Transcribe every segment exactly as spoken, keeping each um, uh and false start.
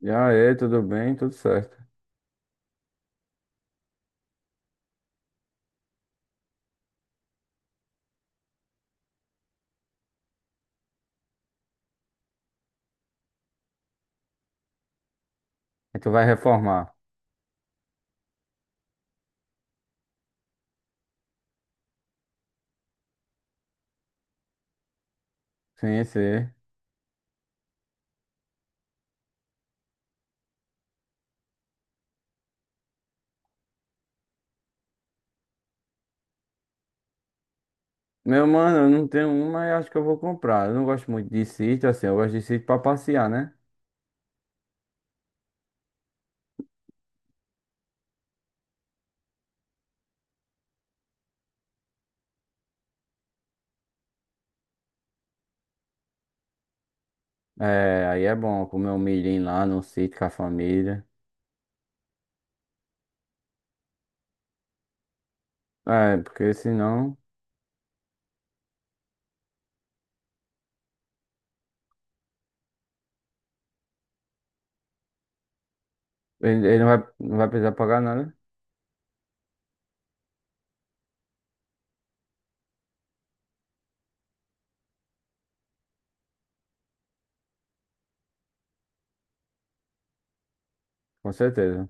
Já é, tudo bem, tudo certo. E tu vai reformar? Sim, sim. Meu mano, eu não tenho um, mas acho que eu vou comprar. Eu não gosto muito de sítio, assim, eu gosto de sítio pra passear, né? É, aí é bom comer um milhinho lá no sítio com a família. É, porque senão ele, ele não vai, não vai precisar pagar nada, com certeza.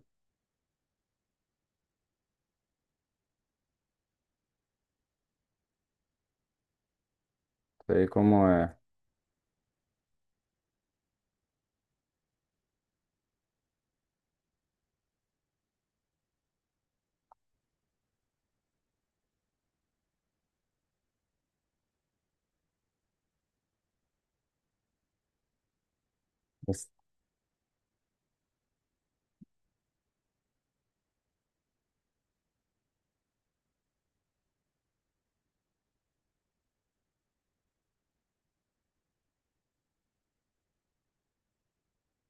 Sei como é.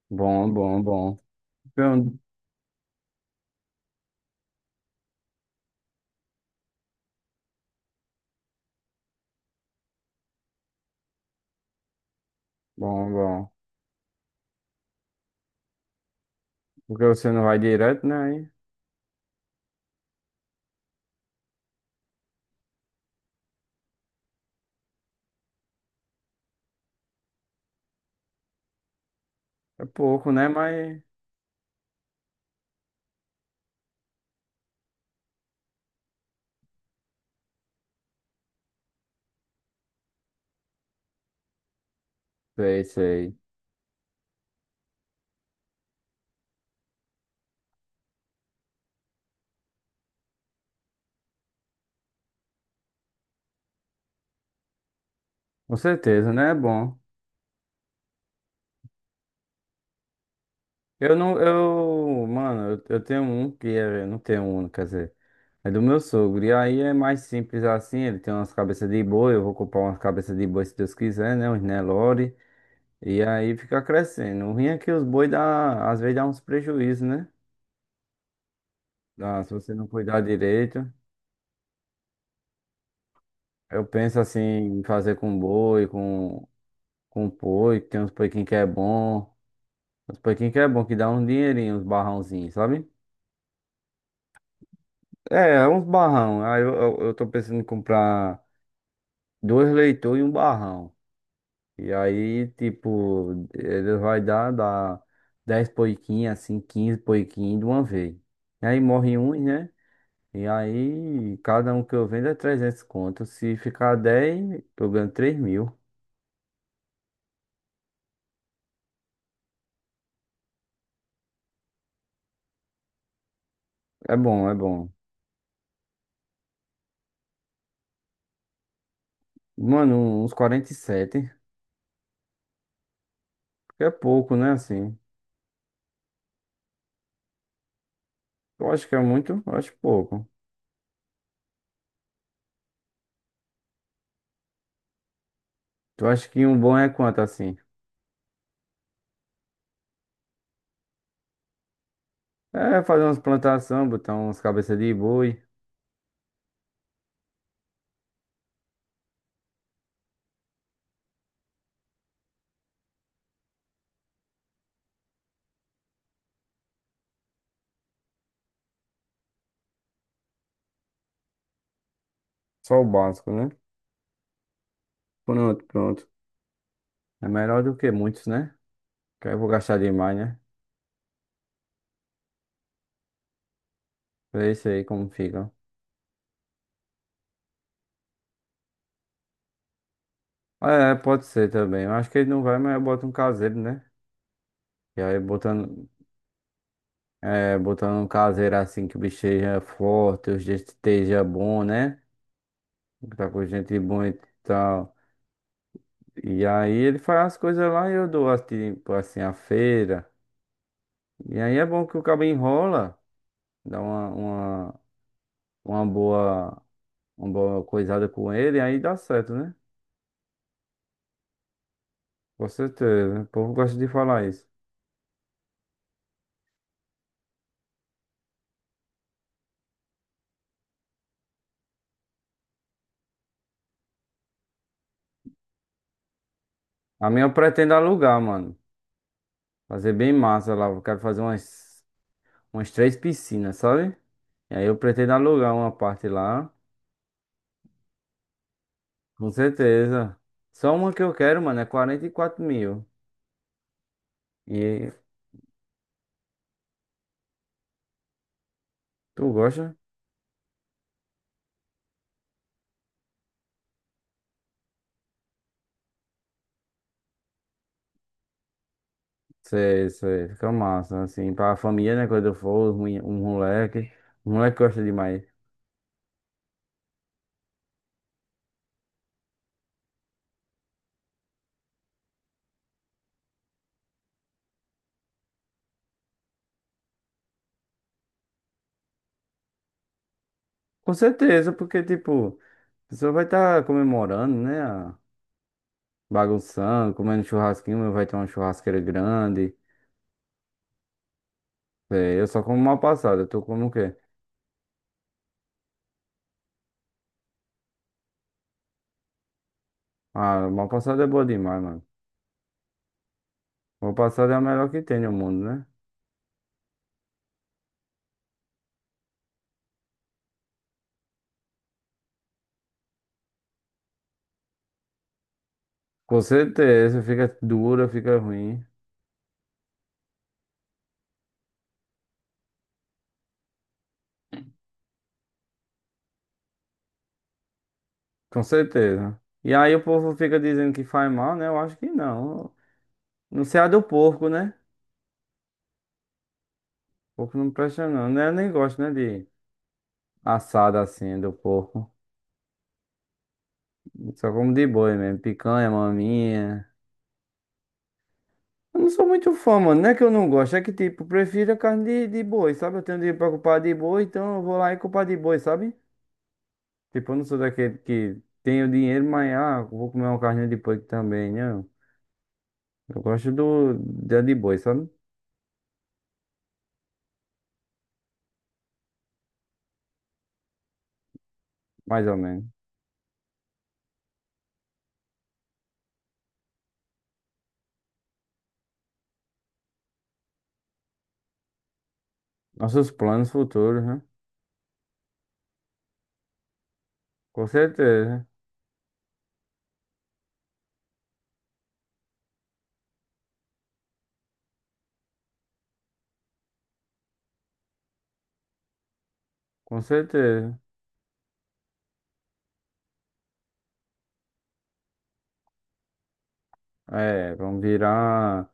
Bom, bom, bom. Então, bom, bom. Porque você não vai direto, né? Aí é pouco, né? Mas sei, sei. Com certeza, né? É bom. Eu não, eu, mano, eu, eu tenho um que é, eu não tenho um, quer dizer, é do meu sogro. E aí é mais simples assim, ele tem umas cabeças de boi, eu vou comprar umas cabeças de boi se Deus quiser, né, uns Nelore. E aí fica crescendo. O ruim é que os boi dá, às vezes dá uns prejuízos, né? Dá, se você não cuidar direito. Eu penso assim, em fazer com boi, com, com boi, que tem uns poiquinhos que é bom. Uns poiquinhos que é bom, que dá um dinheirinho, uns barrãozinhos, sabe? É, uns barrão. Aí eu, eu, eu tô pensando em comprar dois leitores e um barrão. E aí, tipo, ele vai dar, dar dez poiquinhas, assim, quinze poiquinhos de uma vez. E aí morre uns, né? E aí, cada um que eu vendo é trezentos conto. Se ficar dez eu ganho três mil. É bom, é bom. Mano, uns quarenta e sete, que é pouco, né, assim. Eu acho que é muito, eu acho pouco. Tu acha que um bom é quanto, assim? É fazer umas plantações, botar umas cabeças de boi. Só o básico, né? Pronto, pronto. É melhor do que muitos, né? Que aí eu vou gastar demais, né? Pra isso aí como fica. É, pode ser também. Eu acho que ele não vai, mas eu boto um caseiro, né? E aí botando, é, botando um caseiro assim que o bicho seja forte, o gente esteja bom, né? Tá com gente boa e tal. E aí ele faz as coisas lá e eu dou assim, tipo assim, a feira. E aí é bom que o cabo enrola, dá uma, uma, uma boa, uma boa coisada com ele, aí dá certo, né? Com certeza. O povo gosta de falar isso. A minha eu pretendo alugar, mano. Fazer bem massa lá. Eu quero fazer umas, umas três piscinas, sabe? E aí eu pretendo alugar uma parte lá. Com certeza. Só uma que eu quero, mano, é quarenta e quatro mil. E tu gosta? Sei, sei. Fica massa, assim. Pra família, né? Quando eu for, os mole- um moleque. O moleque gosta demais. Com certeza, porque, tipo, a pessoa vai estar comemorando, né? a- Bagunçando, comendo churrasquinho. Vai ter uma churrasqueira grande. É, eu só como mal passada. Tu como o quê? Ah, mal passada é boa demais, mano. Mal passada é a melhor que tem no mundo, né? Com certeza, fica dura, fica ruim. Com certeza. E aí o povo fica dizendo que faz mal, né? Eu acho que não. Não sei a do porco, né? Porco não presta não, né? Eu nem gosto, né, de assada assim do porco. Só como de boi mesmo, picanha, maminha. Eu não sou muito fã, mano. Não é que eu não gosto, é que tipo, prefiro a carne de, de boi, sabe? Eu tenho dinheiro pra culpar de boi, então eu vou lá e culpar de boi, sabe? Tipo, eu não sou daquele que tem o dinheiro, mas ah, vou comer uma carne de porco também, não. Eu gosto do dia de boi, sabe? Mais ou menos. Nossos planos futuros, né? Com certeza, com certeza. É, vamos virar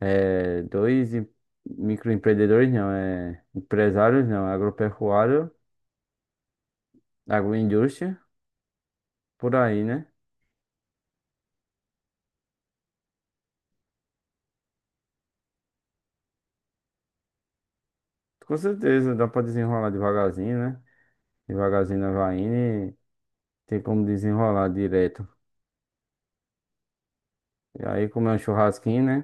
é, dois em- microempreendedores, não, é empresários, não, agropecuário, agroindústria, por aí, né? Com certeza, dá pra desenrolar devagarzinho, né? Devagarzinho na vai indo e tem como desenrolar direto. E aí, como é um churrasquinho, né?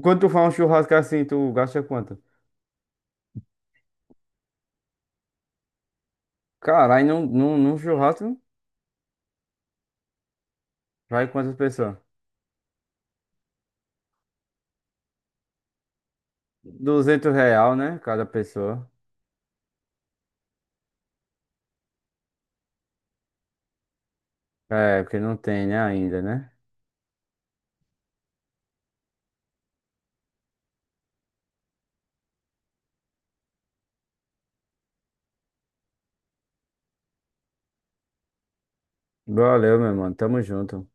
Quando tu faz um churrasco assim, tu gasta quanto? Caralho, num, num, num churrasco vai quantas pessoas? Duzentos real, né? Cada pessoa. É, porque não tem, né, ainda, né? Valeu, meu mano. Tamo junto.